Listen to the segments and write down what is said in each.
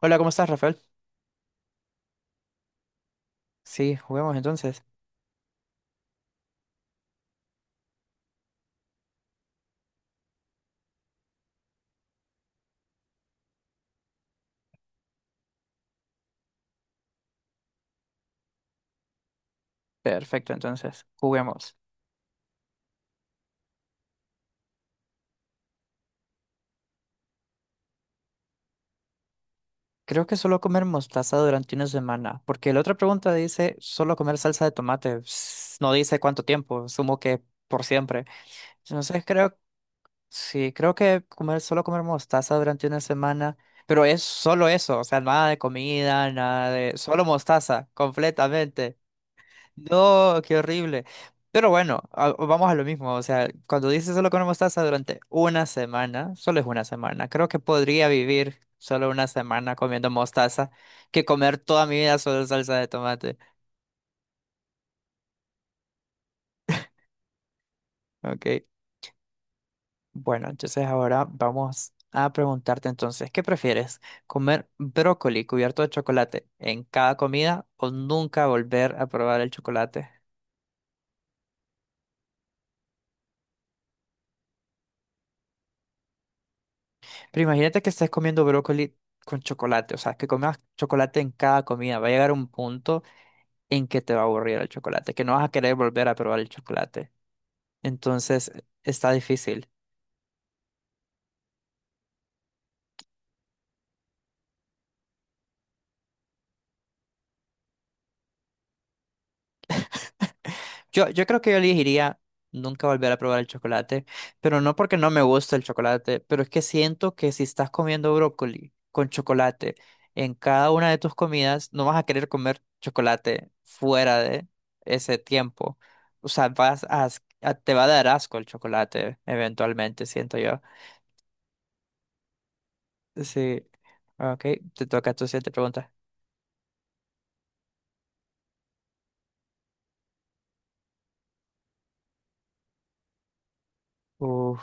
Hola, ¿cómo estás, Rafael? Sí, juguemos entonces. Perfecto, entonces, juguemos. Creo que solo comer mostaza durante una semana, porque la otra pregunta dice solo comer salsa de tomate. Ps, no dice cuánto tiempo, sumo que por siempre. Entonces creo, sí, creo que comer solo comer mostaza durante una semana, pero es solo eso, o sea, nada de comida, nada de, solo mostaza, completamente. No, qué horrible. Pero bueno, vamos a lo mismo. O sea, cuando dices solo con mostaza durante una semana, solo es una semana. Creo que podría vivir solo una semana comiendo mostaza que comer toda mi vida solo salsa de tomate. Ok. Bueno, entonces ahora vamos a preguntarte entonces, ¿qué prefieres? ¿Comer brócoli cubierto de chocolate en cada comida o nunca volver a probar el chocolate? Pero imagínate que estés comiendo brócoli con chocolate, o sea, que comas chocolate en cada comida. Va a llegar un punto en que te va a aburrir el chocolate, que no vas a querer volver a probar el chocolate. Entonces, está difícil. Yo creo que yo elegiría nunca volver a probar el chocolate, pero no porque no me gusta el chocolate, pero es que siento que si estás comiendo brócoli con chocolate en cada una de tus comidas, no vas a querer comer chocolate fuera de ese tiempo. O sea, vas a, te va a dar asco el chocolate eventualmente, siento yo. Sí. Ok, te toca tu siguiente pregunta. Uf,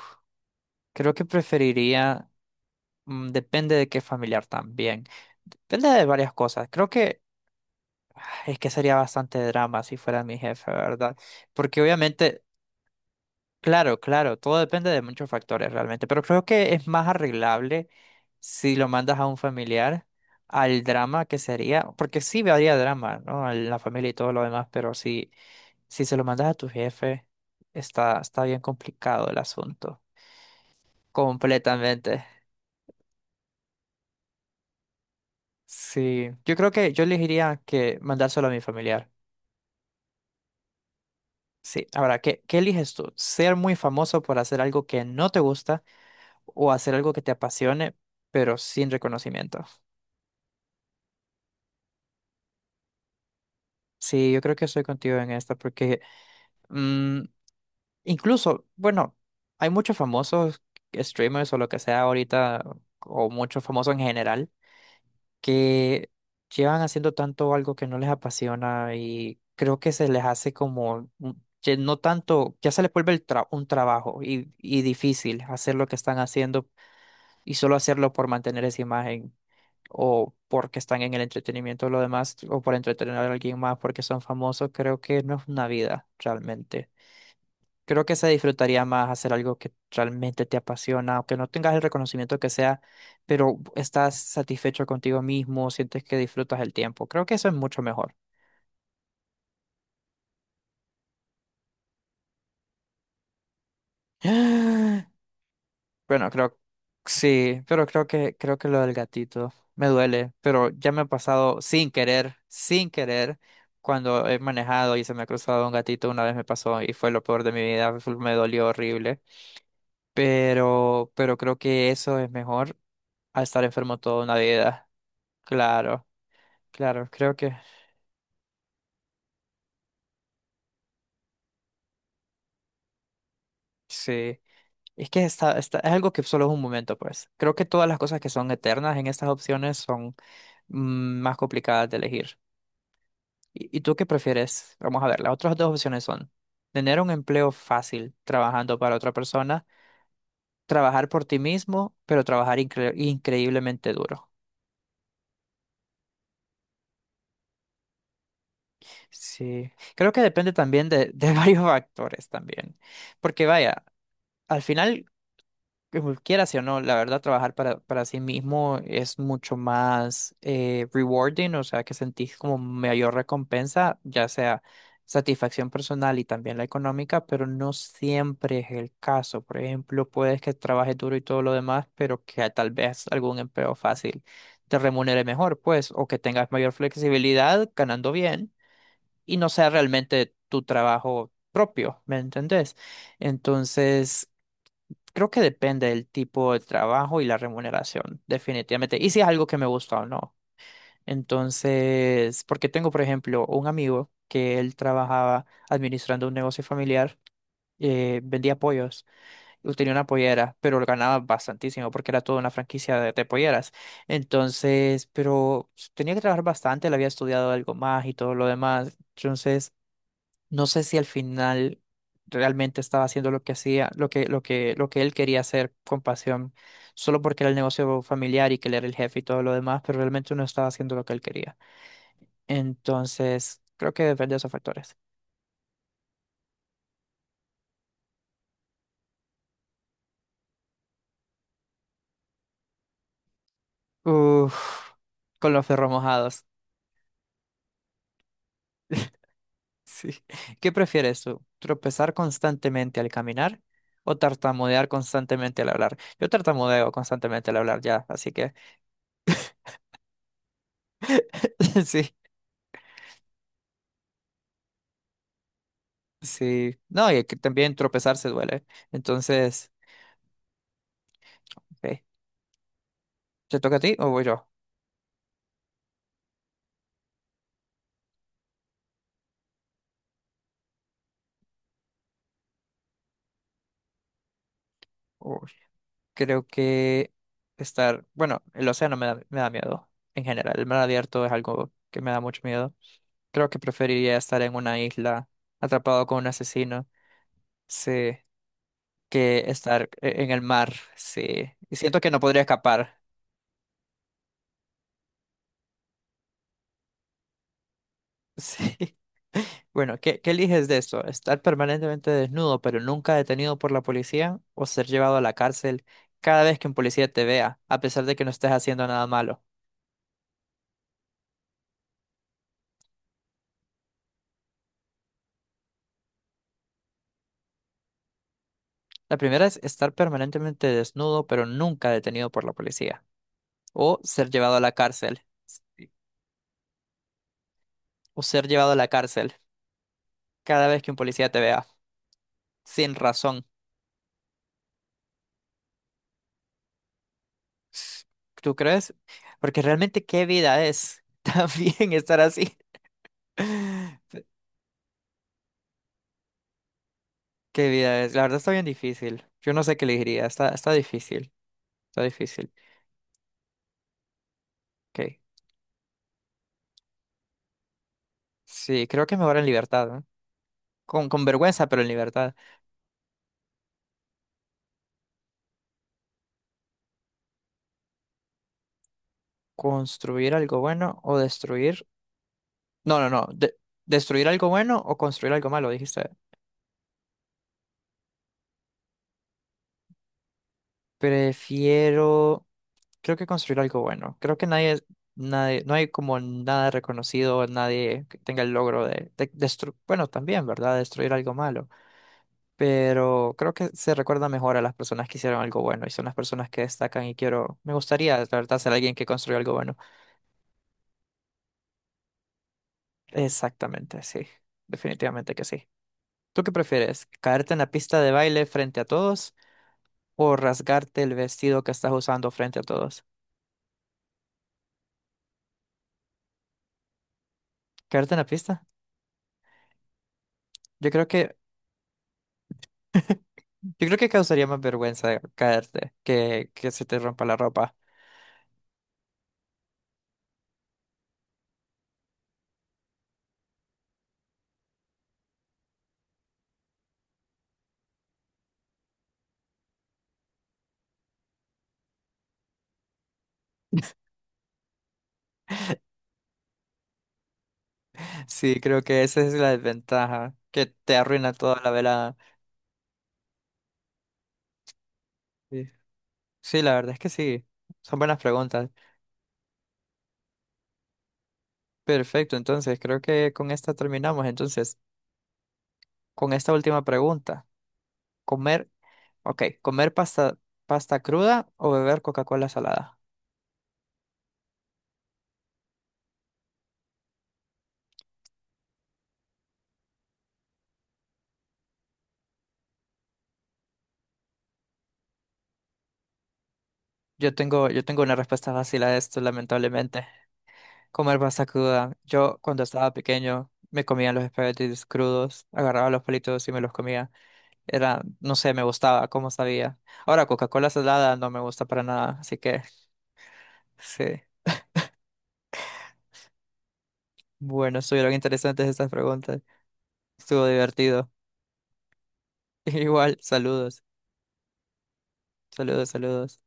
creo que preferiría, depende de qué familiar también. Depende de varias cosas. Creo que es que sería bastante drama si fuera mi jefe, ¿verdad? Porque obviamente, claro, claro, todo depende de muchos factores realmente, pero creo que es más arreglable si lo mandas a un familiar al drama que sería, porque sí habría drama, ¿no? En la familia y todo lo demás, pero si, si se lo mandas a tu jefe, está, está bien complicado el asunto, completamente. Sí, yo creo que yo elegiría que mandárselo a mi familiar. Sí, ahora, ¿qué eliges tú? ¿Ser muy famoso por hacer algo que no te gusta o hacer algo que te apasione, pero sin reconocimiento? Sí, yo creo que estoy contigo en esta porque mm, incluso, bueno, hay muchos famosos streamers o lo que sea ahorita, o muchos famosos en general, que llevan haciendo tanto algo que no les apasiona y creo que se les hace como, que no tanto, ya se les vuelve el un trabajo y difícil hacer lo que están haciendo y solo hacerlo por mantener esa imagen o porque están en el entretenimiento o lo demás o por entretener a alguien más porque son famosos, creo que no es una vida realmente. Creo que se disfrutaría más hacer algo que realmente te apasiona, aunque no tengas el reconocimiento que sea, pero estás satisfecho contigo mismo, sientes que disfrutas el tiempo. Creo que eso es mucho mejor. Bueno, creo, sí, pero creo que lo del gatito me duele, pero ya me ha pasado sin querer, sin querer, cuando he manejado y se me ha cruzado un gatito, una vez me pasó y fue lo peor de mi vida, me dolió horrible, pero creo que eso es mejor a estar enfermo toda una vida. Claro, claro, creo que sí. Es que está, está, es algo que solo es un momento, pues. Creo que todas las cosas que son eternas en estas opciones son más complicadas de elegir. ¿Y tú qué prefieres? Vamos a ver, las otras dos opciones son tener un empleo fácil trabajando para otra persona, trabajar por ti mismo, pero trabajar increíblemente duro. Sí, creo que depende también de varios factores también, porque vaya, al final que cualquiera sí o no, la verdad, trabajar para sí mismo es mucho más rewarding, o sea, que sentís como mayor recompensa, ya sea satisfacción personal y también la económica, pero no siempre es el caso. Por ejemplo, puedes que trabajes duro y todo lo demás, pero que tal vez algún empleo fácil te remunere mejor, pues, o que tengas mayor flexibilidad ganando bien y no sea realmente tu trabajo propio, ¿me entendés? Entonces, creo que depende del tipo de trabajo y la remuneración, definitivamente. Y si es algo que me gusta o no. Entonces, porque tengo, por ejemplo, un amigo que él trabajaba administrando un negocio familiar, vendía pollos, y tenía una pollera, pero lo ganaba bastantísimo porque era toda una franquicia de polleras. Entonces, pero tenía que trabajar bastante, él había estudiado algo más y todo lo demás. Entonces, no sé si al final realmente estaba haciendo lo que hacía, lo que, lo que, lo que él quería hacer con pasión, solo porque era el negocio familiar y que él era el jefe y todo lo demás, pero realmente no estaba haciendo lo que él quería. Entonces, creo que depende de esos factores. Uf, con los ferros mojados. Sí. ¿Qué prefieres tú? ¿Tropezar constantemente al caminar o tartamudear constantemente al hablar? Yo tartamudeo constantemente al hablar ya, así que sí, sí. No, y que también tropezar se duele. Entonces, ok. ¿Te toca a ti o voy yo? Uy, creo que estar, bueno, el océano me da miedo en general. El mar abierto es algo que me da mucho miedo. Creo que preferiría estar en una isla atrapado con un asesino, sí, que estar en el mar, sí. Y siento que no podría escapar, sí. Bueno, ¿qué eliges de esto? ¿Estar permanentemente desnudo pero nunca detenido por la policía o ser llevado a la cárcel cada vez que un policía te vea, a pesar de que no estés haciendo nada malo? La primera es estar permanentemente desnudo, pero nunca detenido por la policía. O ser llevado a la cárcel. O ser llevado a la cárcel cada vez que un policía te vea, sin razón. ¿Tú crees? Porque realmente, ¿qué vida es también estar así? ¿Qué vida es? La verdad está bien difícil. Yo no sé qué elegiría. Está, está difícil. Está difícil. Ok. Sí, creo que mejor en libertad, ¿no? Con vergüenza, pero en libertad. ¿Construir algo bueno o destruir? No, no, no. De- ¿destruir algo bueno o construir algo malo? Dijiste. Prefiero. Creo que construir algo bueno. Creo que nadie, nadie, no hay como nada reconocido, nadie que tenga el logro de bueno, también, ¿verdad? Destruir algo malo. Pero creo que se recuerda mejor a las personas que hicieron algo bueno y son las personas que destacan y quiero, me gustaría, la verdad, ser alguien que construyó algo bueno. Exactamente, sí. Definitivamente que sí. ¿Tú qué prefieres? ¿Caerte en la pista de baile frente a todos o rasgarte el vestido que estás usando frente a todos? Caerte en la pista. Yo creo que, yo creo que causaría más vergüenza caerte que se te rompa la ropa. Sí, creo que esa es la desventaja, que te arruina toda la velada. Sí, sí, la verdad es que sí. Son buenas preguntas. Perfecto, entonces creo que con esta terminamos. Entonces, con esta última pregunta, comer, ok, comer pasta, pasta cruda o beber Coca-Cola salada. Yo tengo una respuesta fácil a esto, lamentablemente. Comer pasta cruda. Yo cuando estaba pequeño me comía los espaguetis crudos, agarraba los palitos y me los comía. Era, no sé, me gustaba, cómo sabía. Ahora Coca-Cola salada no me gusta para nada, así que sí. Bueno, estuvieron interesantes estas preguntas. Estuvo divertido. Igual, saludos, saludos, saludos.